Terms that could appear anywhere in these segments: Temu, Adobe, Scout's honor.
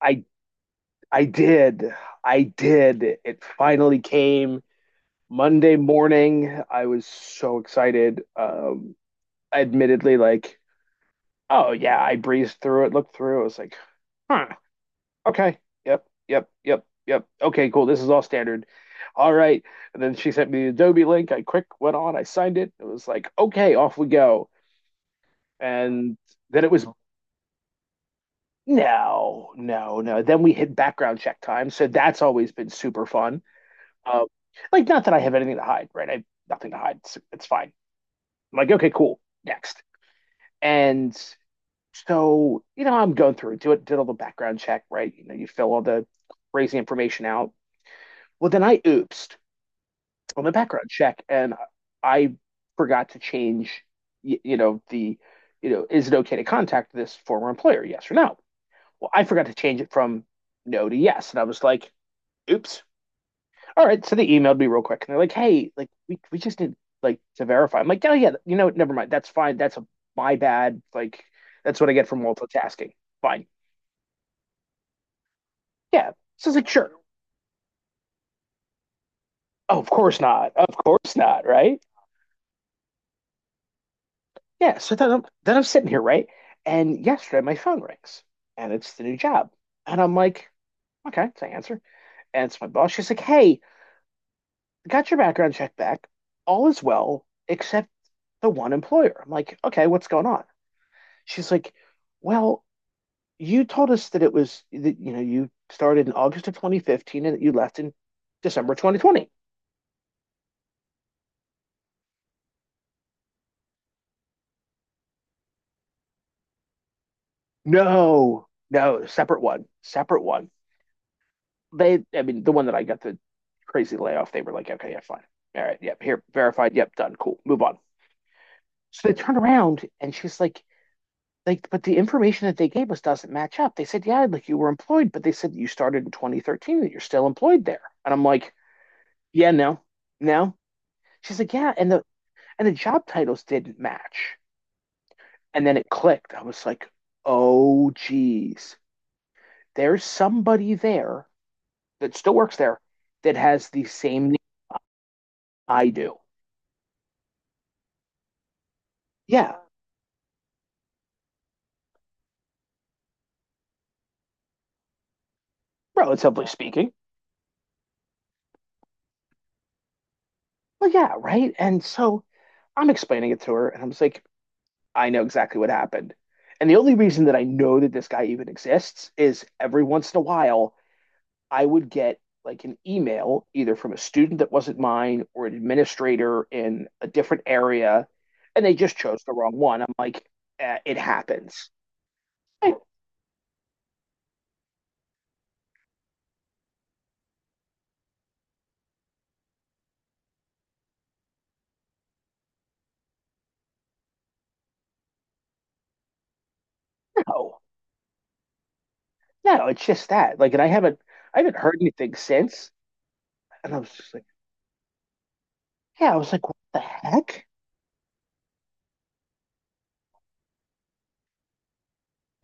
I I did. I did. It finally came Monday morning. I was so excited. Admittedly, like, oh yeah, I breezed through it, looked through it. I was like, huh, okay, yep, yep, yep, yep. Okay, cool. This is all standard. All right. And then she sent me the Adobe link. I quick went on, I signed it. It was like, okay, off we go. And then it was no, no, no. Then we hit background check time. So that's always been super fun. Um, like, not that I have anything to hide, right? I have nothing to hide. It's fine. I'm like, okay, cool. Next. And so, you know, I'm going through, do it, did all the background check, right? You know, you fill all the crazy information out. Well, then I oopsed on the background check and I forgot to change, you know, the, you know, is it okay to contact this former employer? Yes or no? Well, I forgot to change it from no to yes. And I was like, oops, all right. So they emailed me real quick and they're like, hey, like we just need like to verify. I'm like, oh yeah, you know, never mind. That's fine. That's a, my bad. Like that's what I get for multitasking. Fine. Yeah. So I was like, sure. Oh, of course not. Of course not. Right. Yeah. So then I'm sitting here, right? And yesterday my phone rings and it's the new job. And I'm like, okay, so I answer. And it's my boss. She's like, hey, got your background check back. All is well, except the one employer. I'm like, okay, what's going on? She's like, well, you told us that it was that you know you started in August of 2015 and that you left in December 2020. No, no, separate one, separate one. They, I mean, the one that I got the crazy layoff, they were like, okay, yeah, fine, all right, yep, here, verified, yep, done, cool, move on. So they turned around and she's like, but the information that they gave us doesn't match up. They said, yeah, like you were employed, but they said you started in 2013 that you're still employed there. And I'm like, yeah, no, no. She's like, yeah, and the job titles didn't match. And then it clicked. I was like, oh, geez, there's somebody there that still works there that has the same name I do. Yeah, relatively speaking. Well, yeah, right. And so I'm explaining it to her, and I'm just like, I know exactly what happened. And the only reason that I know that this guy even exists is every once in a while, I would get like an email either from a student that wasn't mine or an administrator in a different area, and they just chose the wrong one. I'm like, eh, it happens. I no, no, it's just that. Like, and I haven't heard anything since. And I was just like, yeah, I was like, what the heck?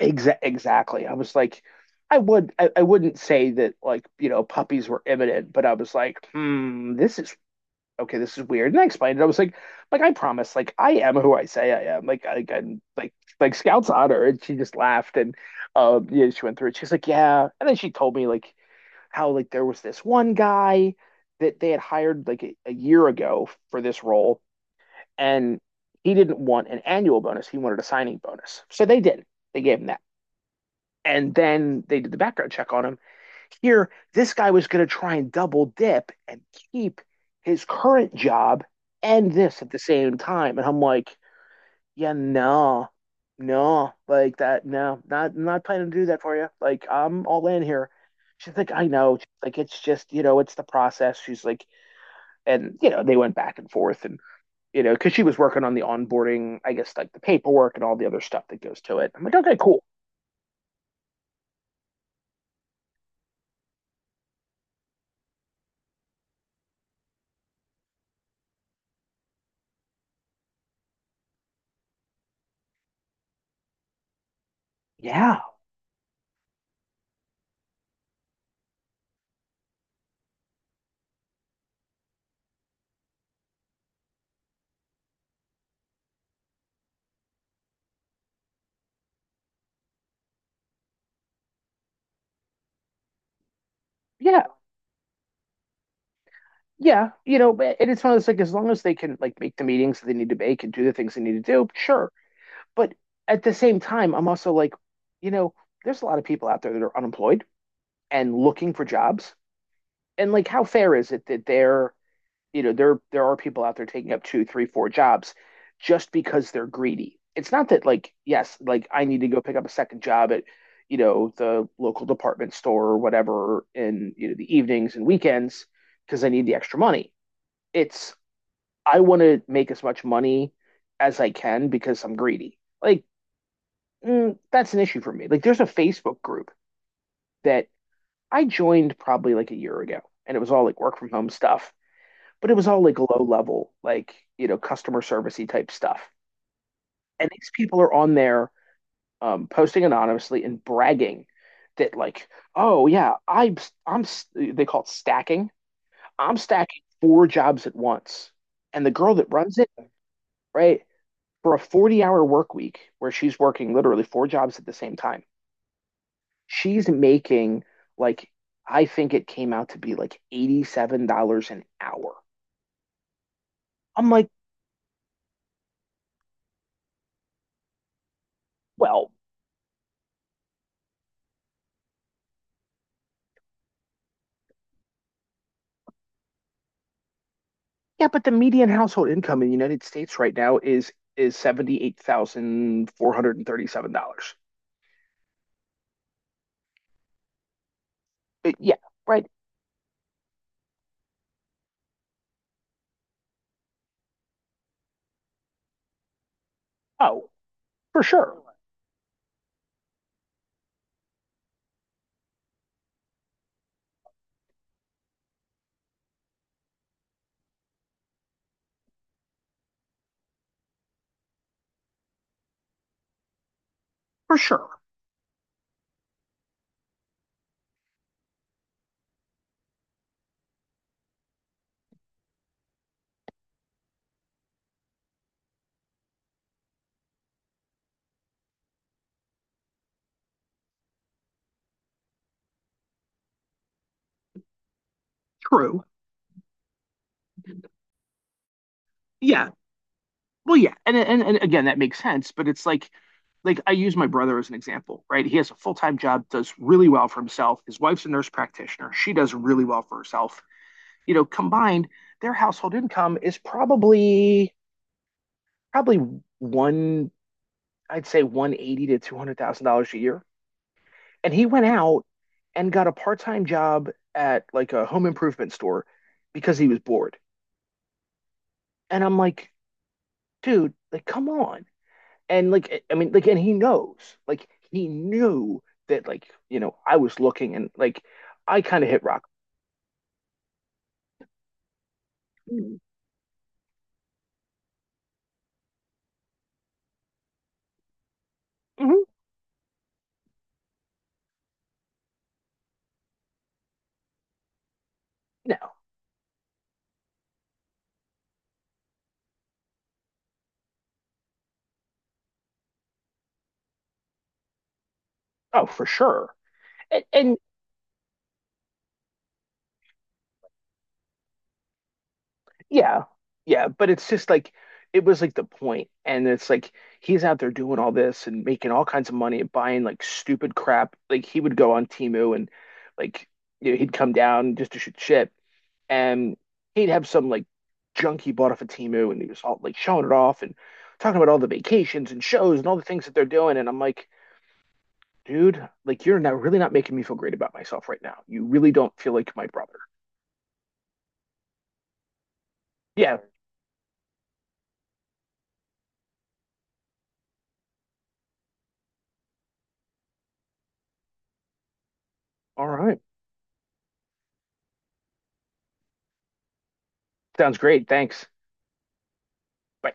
Exactly. I was like, I wouldn't say that like puppies were imminent, but I was like, hmm, this is okay, this is weird. And I explained it. I was like I promise, like I am who I say I am. I'm like Scout's honor. And she just laughed and yeah, she went through it. She's like, yeah. And then she told me like how like there was this one guy that they had hired like a year ago for this role, and he didn't want an annual bonus. He wanted a signing bonus. So they did. They gave him that. And then they did the background check on him here, this guy was going to try and double dip and keep his current job and this at the same time. And I'm like, yeah, no, no, like that, no, not not planning to do that for you. Like, I'm all in here. She's like, I know. She's like, it's just, you know, it's the process. She's like, and, you know, they went back and forth and, you know, because she was working on the onboarding, I guess, like the paperwork and all the other stuff that goes to it. I'm like, okay, cool. Yeah. Yeah. Yeah, you know, and it's one of those like as long as they can like make the meetings that they need to make and do the things they need to do, sure. But at the same time, I'm also like, you know, there's a lot of people out there that are unemployed and looking for jobs. And like, how fair is it that they're, you know, there are people out there taking up two, three, four jobs just because they're greedy. It's not that like, yes, like I need to go pick up a second job at, you know, the local department store or whatever in, you know, the evenings and weekends because I need the extra money. It's I want to make as much money as I can because I'm greedy. Like, mm, that's an issue for me. Like, there's a Facebook group that I joined probably like a year ago, and it was all like work from home stuff, but it was all like low level, like, you know, customer servicey type stuff. And these people are on there posting anonymously and bragging that, like, oh, yeah, I'm, they call it stacking. I'm stacking four jobs at once. And the girl that runs it, right? For a 40-hour work week where she's working literally four jobs at the same time, she's making like, I think it came out to be like $87 an hour. I'm like, well, yeah, but the median household income in the United States right now is $78,437. Yeah, right. Oh, for sure. For sure. True. Yeah, well, yeah, and again, that makes sense, but it's like I use my brother as an example, right? He has a full-time job, does really well for himself. His wife's a nurse practitioner. She does really well for herself. You know, combined, their household income is probably one, I'd say 180 to $200,000 a year. And he went out and got a part-time job at like a home improvement store because he was bored. And I'm like, dude, like come on. And like I mean like and he knows like he knew that like you know I was looking and like I kind of hit rock. Mm. Mhm. No. Oh, for sure. And yeah. Yeah, but it's just like it was like the point and it's like he's out there doing all this and making all kinds of money and buying like stupid crap like he would go on Temu and like you know, he'd come down just to shoot shit and he'd have some like junk he bought off of Timu, and he was all like showing it off and talking about all the vacations and shows and all the things that they're doing. And I'm like, dude, like you're not really not making me feel great about myself right now. You really don't feel like my brother. Yeah. All right. Sounds great. Thanks. Bye.